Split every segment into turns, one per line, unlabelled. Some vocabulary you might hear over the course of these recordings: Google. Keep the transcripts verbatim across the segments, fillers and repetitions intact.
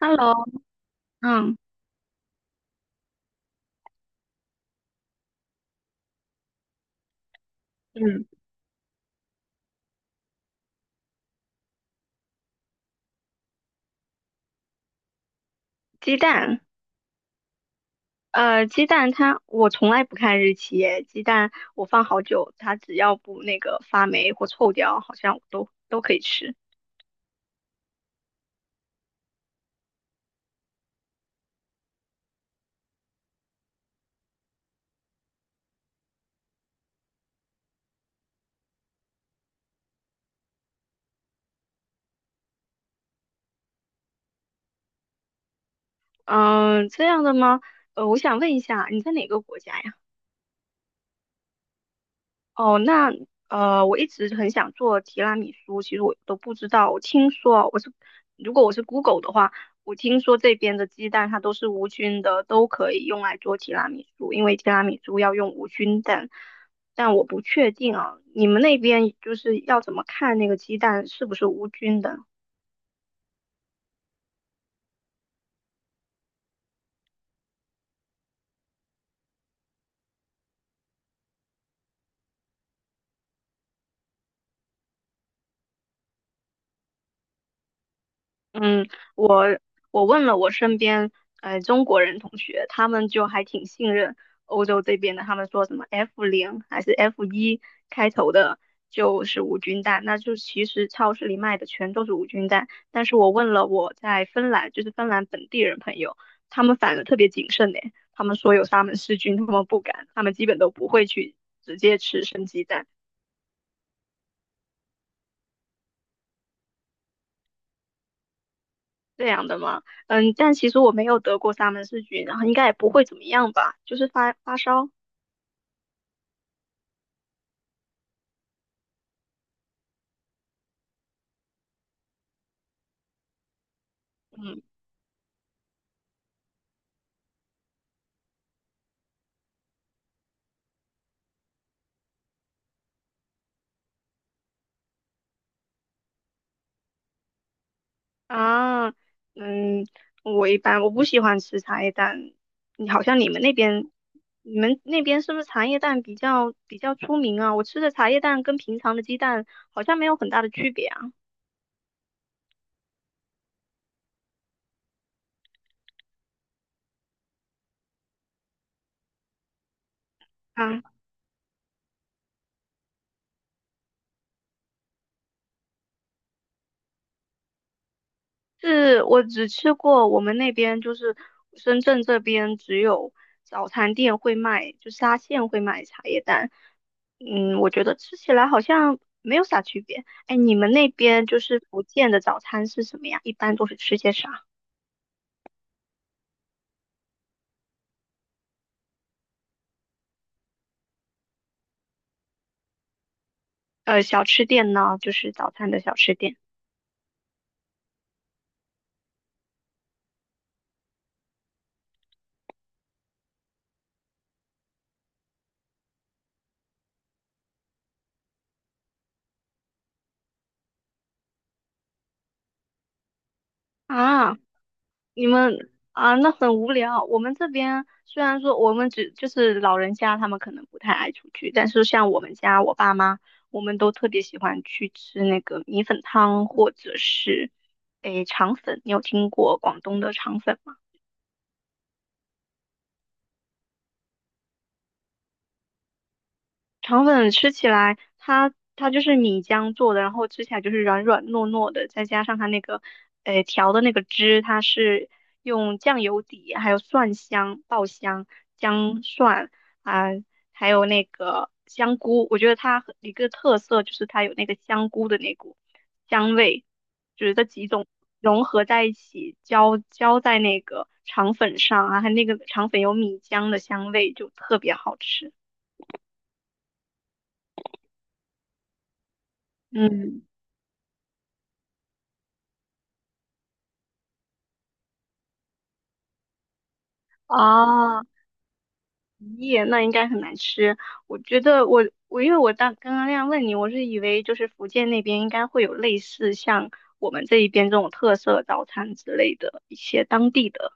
Hello，嗯嗯，鸡蛋，呃，鸡蛋它我从来不看日期耶，鸡蛋我放好久，它只要不那个发霉或臭掉，好像我都都可以吃。嗯，这样的吗？呃，我想问一下，你在哪个国家呀？哦，那呃，我一直很想做提拉米苏，其实我都不知道。我听说我是，如果我是 Google 的话，我听说这边的鸡蛋它都是无菌的，都可以用来做提拉米苏，因为提拉米苏要用无菌蛋。但我不确定啊，你们那边就是要怎么看那个鸡蛋是不是无菌的？嗯，我我问了我身边呃中国人同学，他们就还挺信任欧洲这边的，他们说什么 F 零还是 F 一开头的，就是无菌蛋，那就其实超市里卖的全都是无菌蛋。但是我问了我在芬兰，就是芬兰本地人朋友，他们反而特别谨慎呢，他们说有沙门氏菌，他们不敢，他们基本都不会去直接吃生鸡蛋。这样的吗？嗯，但其实我没有得过沙门氏菌，然后应该也不会怎么样吧，就是发发烧。嗯啊，嗯，我一般我不喜欢吃茶叶蛋，你好像你们那边，你们那边是不是茶叶蛋比较比较出名啊？我吃的茶叶蛋跟平常的鸡蛋好像没有很大的区别啊。啊。是我只吃过我们那边就是深圳这边只有早餐店会卖，就沙县会卖茶叶蛋。嗯，我觉得吃起来好像没有啥区别。哎，你们那边就是福建的早餐是什么呀？一般都是吃些啥？呃，小吃店呢，就是早餐的小吃店啊。你们啊，那很无聊。我们这边虽然说我们只就是老人家，他们可能不太爱出去，但是像我们家我爸妈，我们都特别喜欢去吃那个米粉汤或者是诶肠粉。你有听过广东的肠粉吗？肠粉吃起来，它它就是米浆做的，然后吃起来就是软软糯糯的，再加上它那个，呃，调的那个汁，它是用酱油底，还有蒜香、爆香、姜蒜啊、还有那个香菇。我觉得它很一个特色就是它有那个香菇的那股香味，就是这几种融合在一起，浇浇在那个肠粉上啊，它那个肠粉有米浆的香味，就特别好吃。嗯。啊，耶，那应该很难吃。我觉得我我因为我当刚刚那样问你，我是以为就是福建那边应该会有类似像我们这一边这种特色早餐之类的一些当地的，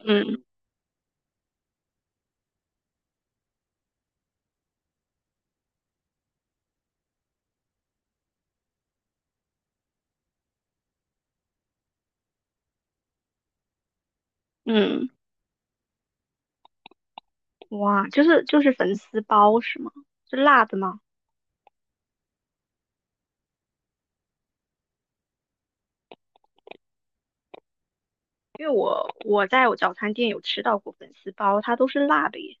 嗯嗯，哇，就是就是粉丝包是吗？是辣的吗？因为我我在我早餐店有吃到过粉丝包，它都是辣的耶。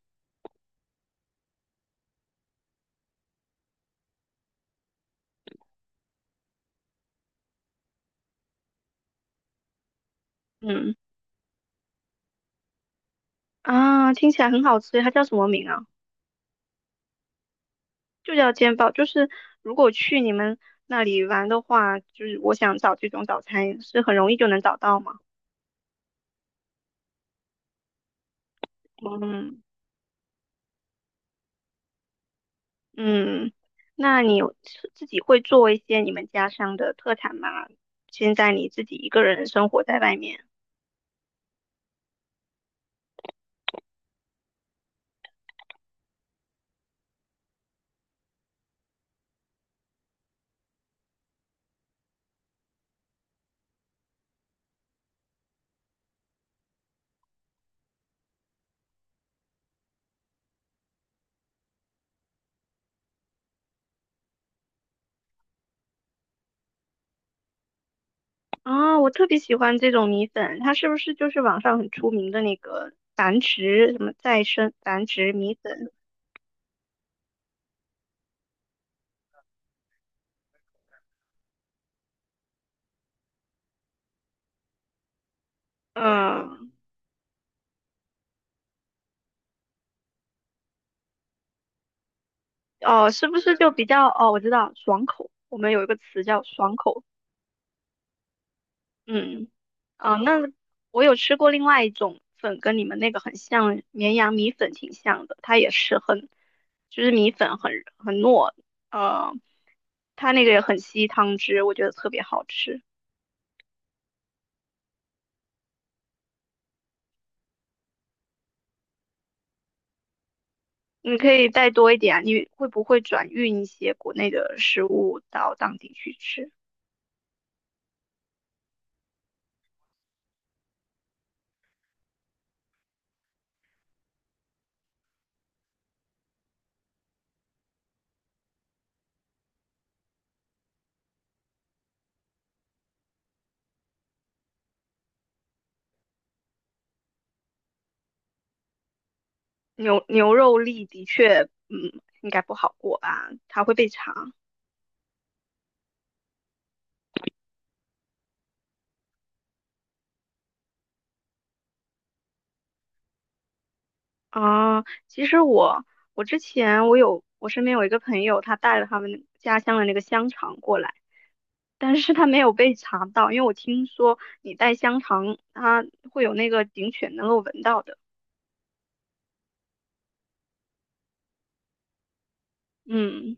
嗯啊，听起来很好吃，它叫什么名啊？就叫煎包，就是如果去你们那里玩的话，就是我想找这种早餐是很容易就能找到吗？嗯嗯，那你有自己会做一些你们家乡的特产吗？现在你自己一个人生活在外面啊，我特别喜欢这种米粉，它是不是就是网上很出名的那个繁殖什么再生繁殖米粉？嗯，哦，是不是就比较哦？我知道，爽口，我们有一个词叫爽口。嗯，啊，那我有吃过另外一种粉，跟你们那个很像，绵阳米粉挺像的，它也是很，就是米粉很很糯，呃，它那个也很吸汤汁，我觉得特别好吃。你可以带多一点啊，你会不会转运一些国内的食物到当地去吃？牛牛肉粒的确，嗯，应该不好过吧，它会被查。啊，其实我我之前我有我身边有一个朋友，他带了他们家乡的那个香肠过来，但是他没有被查到，因为我听说你带香肠，它会有那个警犬能够闻到的。嗯，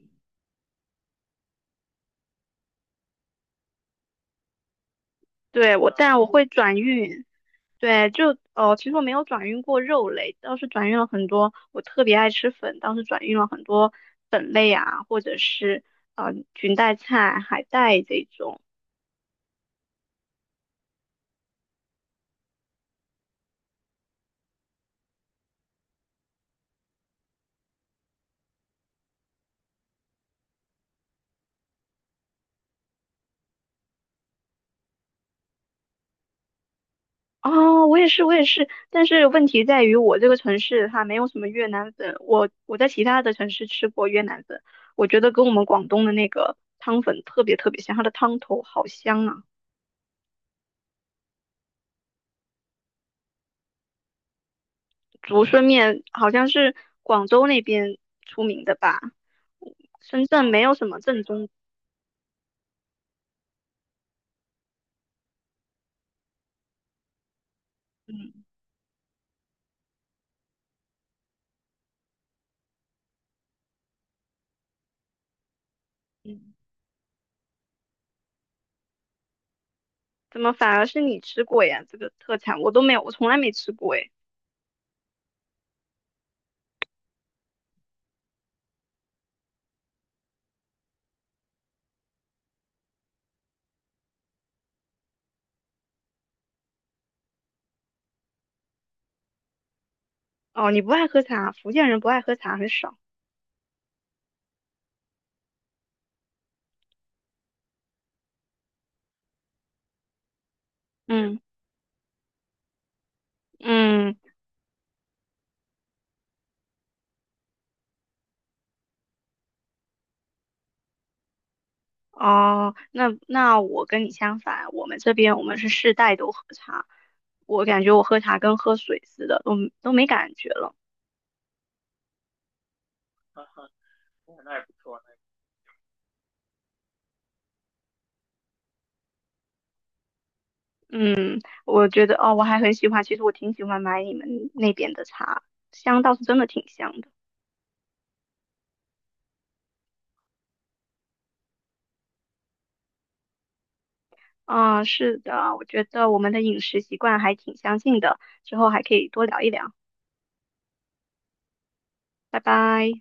对，我但我会转运，对，就哦，其实我没有转运过肉类，倒是转运了很多，我特别爱吃粉，当时转运了很多粉类啊，或者是呃裙带菜、海带这种。哦，我也是，我也是，但是问题在于我这个城市它没有什么越南粉，我我在其他的城市吃过越南粉，我觉得跟我们广东的那个汤粉特别特别像，它的汤头好香啊！竹荪面好像是广州那边出名的吧，深圳没有什么正宗，嗯嗯，怎么反而是你吃过呀？这个特产我都没有，我从来没吃过哎。哦，你不爱喝茶，福建人不爱喝茶很少。嗯嗯，哦，那那我跟你相反，我们这边我们是世代都喝茶，我感觉我喝茶跟喝水似的，都都没感觉了。嗯，我觉得哦，我还很喜欢，其实我挺喜欢买你们那边的茶，香倒是真的挺香的。嗯，是的，我觉得我们的饮食习惯还挺相近的，之后还可以多聊一聊。拜拜。